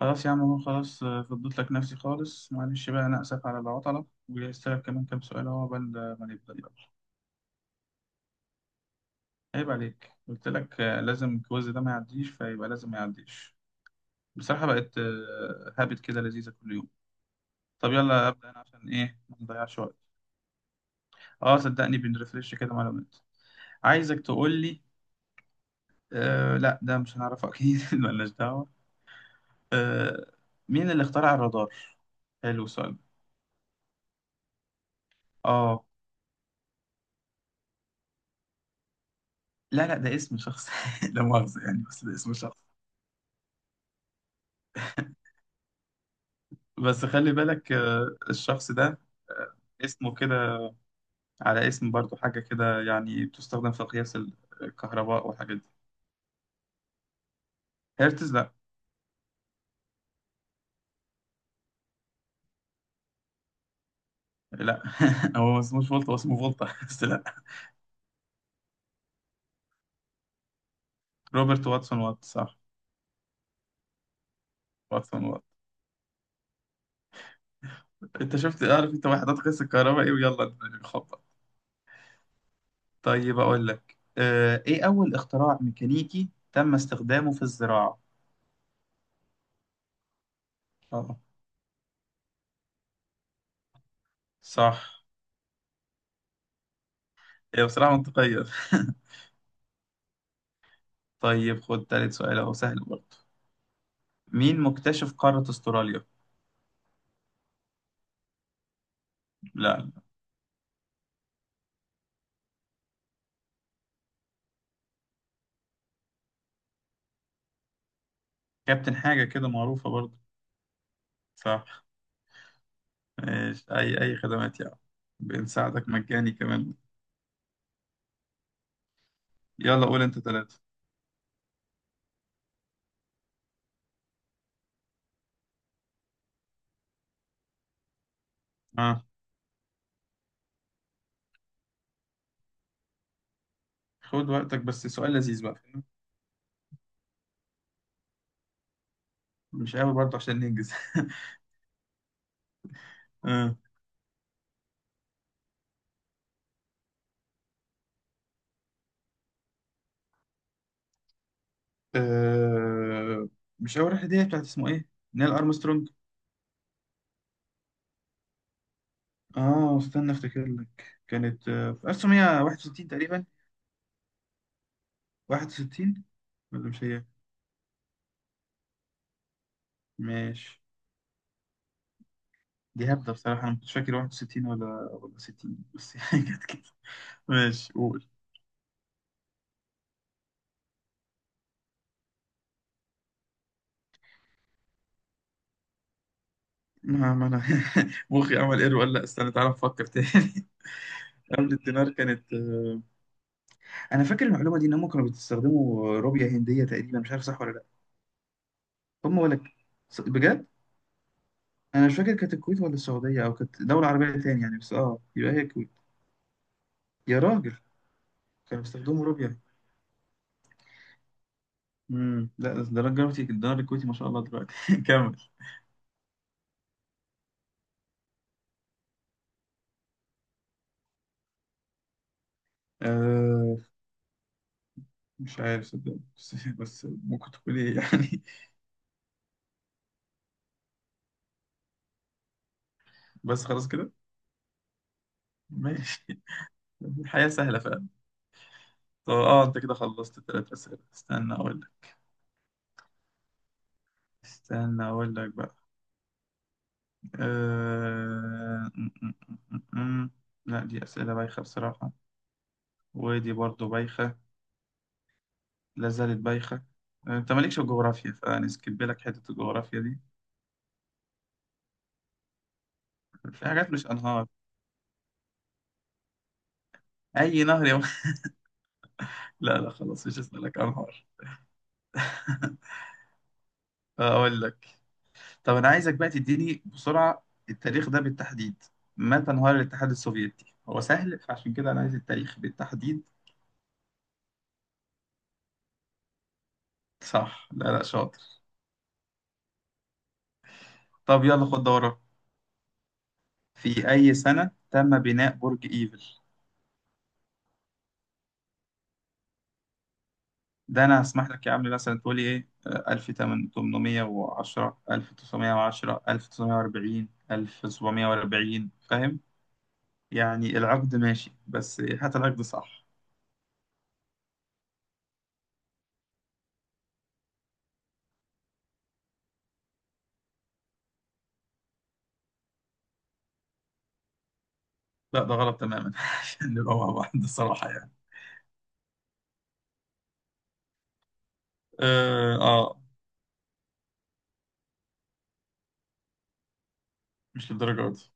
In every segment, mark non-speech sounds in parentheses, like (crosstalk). خلاص يا عم، هو خلاص فضيت لك نفسي خالص. معلش بقى أنا آسف على العطلة، وجهزت لك كمان كام سؤال أهو قبل ما نبدأ. يلا. عيب عليك، قلت لك لازم الكويز ده ما يعديش، فيبقى لازم ما يعديش. بصراحة بقت هابت كده، لذيذة كل يوم. طب يلا أبدأ أنا عشان إيه ما نضيعش وقت. أه صدقني بنرفرش كده معلومات. عايزك تقول لي. أه لا، ده مش هنعرفه أكيد (laughs) ملناش دعوة. أه. مين اللي اخترع الرادار؟ حلو السؤال ده. أه. لا لا، ده اسم شخص (laughs) لا مؤاخذة يعني، بس ده اسم شخص. بس خلي بالك الشخص ده آه، اسمه كده، على اسم برضو حاجة كده يعني بتستخدم في قياس الكهرباء والحاجات دي. هرتز لا. لا (laughs) هو ما اسموش فولت، هو اسمه فولتا (laughs) بس لا. روبرت واتسون وات، صح. واتسون وات. انت شفت اعرف انت وحدات قياس الكهرباء ايه، ويلا نخبط. طيب اقول لك ايه اول اختراع ميكانيكي تم استخدامه في الزراعة. اه صح. هي بصراحة منطقية (laughs) طيب خد تالت سؤال اهو سهل برضه. مين مكتشف قارة استراليا؟ لا. كابتن حاجة كده معروفة برضه. صح. ماشي، أي أي خدمات يا عم، بنساعدك مجاني كمان. يلا قول أنت ثلاثة. آه. خد وقتك، بس سؤال لذيذ بقى، فاهم؟ مش قوي برضه عشان ننجز. (laughs) آه. آه. مش أول رحلة دي بتاعت اسمه إيه؟ نيل أرمسترونج. آه استنى أفتكر لك، كانت في 1961 تقريبا. 61. ولا مش هي؟ ماشي. دي هبدة بصراحة، أنا مش فاكر 61 ولا 60 بس، يعني (laughs) كانت كده. ماشي قول. ما أنا (laughs) مخي عمل إير ولا لأ، استنى تعالى نفكر تاني (laughs) قبل الدينار كانت أنا فاكر المعلومة دي إن هم كانوا بيستخدموا روبيا هندية تقريبا، مش عارف صح ولا لأ. هم ولا بجد، أنا مش فاكر كانت الكويت ولا السعودية، أو كانت دولة عربية تاني يعني، بس أه يبقى هي الكويت. يا راجل كانوا بيستخدموا روبيا. لا، ده الدرجة الكويتي، الدينار الكويتي ما شاء الله دلوقتي (laughs) كمل. آه، مش عارف صدق بس, (laughs) بس ممكن تقول ايه يعني. (laughs) بس خلاص كده. ماشي، الحياة سهلة فعلا. طب اه انت كده خلصت ثلاث أسئلة، استنى اقول لك. استنى اقول لك بقى. أه... م- م- م- م- م. لا دي أسئلة بايخة بصراحة. ودي برضو بايخة. لا زالت بايخة. انت مالكش في الجغرافيا، فنسكب لك حتة الجغرافيا دي. في حاجات مش انهار. اي نهر يا (laughs) لا لا، خلاص مش هسألك انهار. (laughs) اقول لك. طب أنا عايزك بقى تديني بسرعة التاريخ ده بالتحديد. متى انهار الاتحاد السوفيتي؟ هو سهل، فعشان كده أنا عايز التاريخ بالتحديد. صح لا لا، شاطر. طب يلا خد دورة. في أي سنة تم بناء برج إيفل؟ ده أنا هسمح لك يا عم مثلا تقولي إيه: 1810، 1910، 1940، 1740، فاهم يعني؟ العقد ماشي، بس هات العقد صح. لا ده غلط تماما (laughs) عشان نبقى مع بعض الصراحة يعني. اه مش للدرجة دي.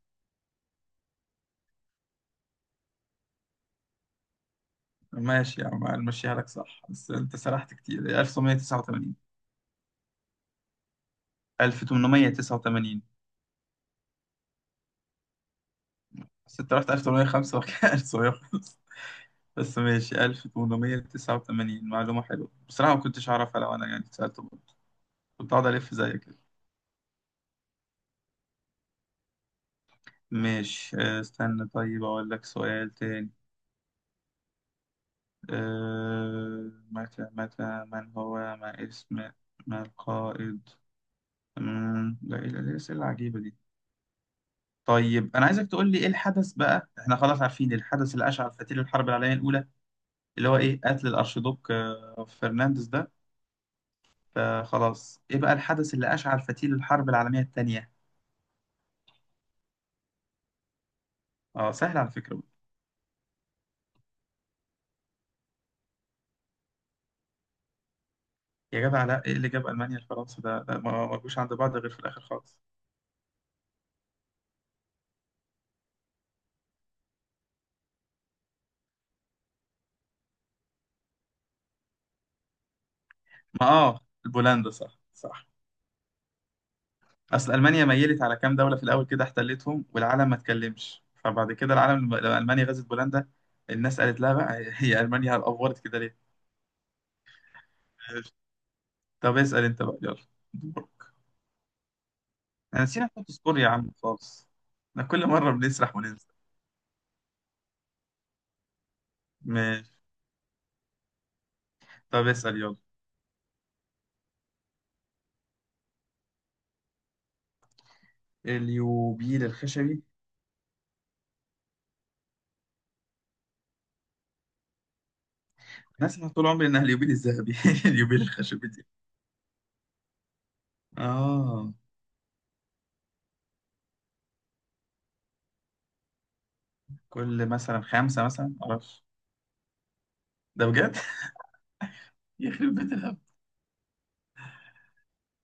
ماشي يا عم، المشيها لك صح بس انت سرحت كتير. 1989. 1889. بس انت رحت 1805 وكان 1905 (laughs) بس ماشي. 1889 معلومة حلوة بصراحة، ما كنتش أعرفها لو أنا يعني اتسألت برضه، كنت أقعد ألف زيك كده. ماشي استنى طيب أقول لك سؤال تاني. أه متى متى من هو ما اسم ما القائد مم، لا إيه الأسئلة العجيبة دي. طيب انا عايزك تقول لي ايه الحدث بقى، احنا خلاص عارفين الحدث اللي اشعل فتيل الحرب العالميه الاولى، اللي هو ايه قتل الارشيدوك فرنانديز ده. فخلاص ايه بقى الحدث اللي اشعل فتيل الحرب العالميه الثانيه؟ اه سهل على فكره. يا جدع لا، ايه اللي جاب المانيا لفرنسا، ده ما جوش عند بعض غير في الاخر خالص. ما اه بولندا صح صح. اصل المانيا ميلت على كام دوله في الاول كده احتلتهم والعالم ما اتكلمش، فبعد كده العالم لما المانيا غزت بولندا، الناس قالت لها بقى (laughs) هي المانيا افورت كده ليه. طب اسأل انت بقى يلا، دورك. انا نسينا نحط سكور يا عم خالص، احنا كل مرة بنسرح وننسى. ماشي. طب اسأل يلا. اليوبيل الخشبي. انا اسمع طول عمري انها اليوبيل الذهبي (laughs) اليوبيل الخشبي دي. اه. كل مثلا خمسة مثلا معرفش. ده بجد. (laughs) يخرب بيت الهبل.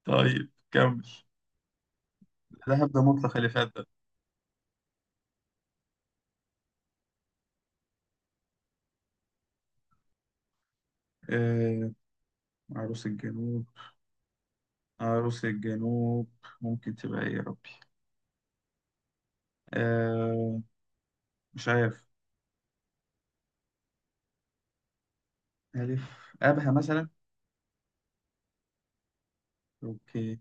طيب كمل. الذهب ده مطلق الإفادة ده. آه. عروس الجنوب. عروس الجنوب. ممكن تبقى ايه يا ربي. آه. مش عارف. ألف. أبها مثلا. أوكي.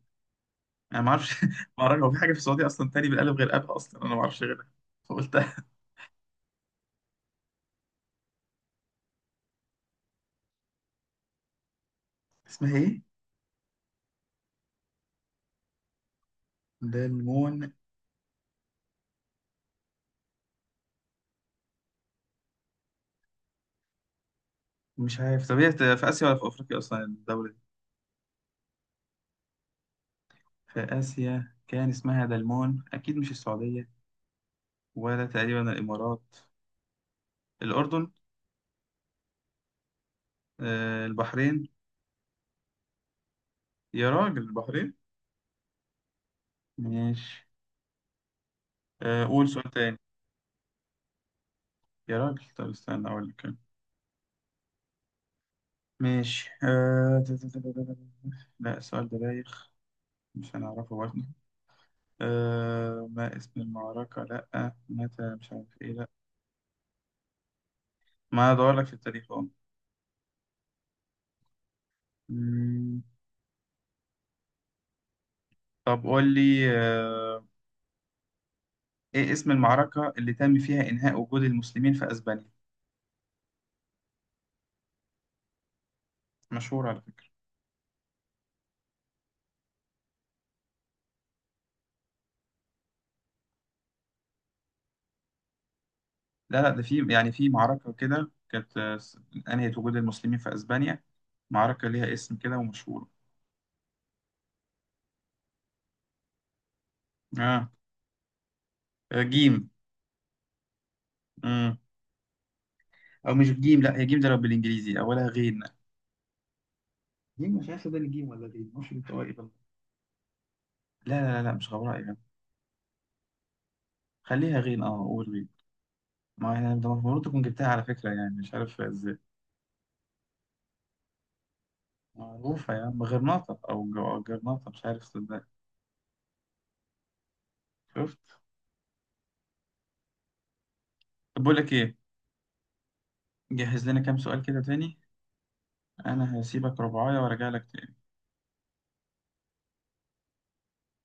انا ما اعرفش (laughs) ما اعرفش، هو في حاجه في السعوديه اصلا تاني بالالف غير ابها؟ اصلا انا ما اعرفش غيرها، فقلت (laughs) اسمها ايه؟ دلمون. مش عارف، طب هي في اسيا ولا في افريقيا اصلا الدوله دي؟ في اسيا، كان اسمها دلمون، اكيد مش السعوديه، ولا تقريبا الامارات، الاردن. آه البحرين. يا راجل البحرين. ماشي. آه قول سؤال تاني. يا راجل طب استنى اقول لك أنا. ماشي آه... تا- تا- تا- تا- تا- تا. لا السؤال ده بايخ. مش هنعرفه برضه. أه ما اسم المعركة لأ متى، مش عارف إيه لأ. ما أدور لك في التاريخ أهو. مم، طب قول لي أه إيه اسم المعركة اللي تم فيها إنهاء وجود المسلمين في أسبانيا؟ مشهور على فكرة. لا لا ده في يعني في معركة كده كانت أنهت وجود المسلمين في أسبانيا، معركة ليها اسم كده ومشهورة. آه. جيم. مم. أو مش جيم، لأ هي جيم ده لو بالإنجليزي، أولها غين. جيم مش عارف ده الجيم ولا غين، مش انطوائي لا. لا لا لا، مش غبراء يعني. خليها غين اه قول غين. ما هي انت المفروض تكون جبتها على فكرة، يعني مش عارف ازاي. معروفة يا عم، غرناطة او جرناطة مش عارف صدق. شفت. طب بقول لك ايه، جهز لنا كام سؤال كده تاني. انا هسيبك ربعاية وارجع لك تاني.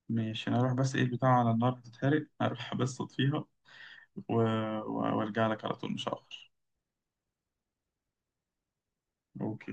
ماشي انا اروح بس ايه البتاع على النار هتتحرق، اروح بس اطفيها وارجع لك على طول مش هاخر. اوكي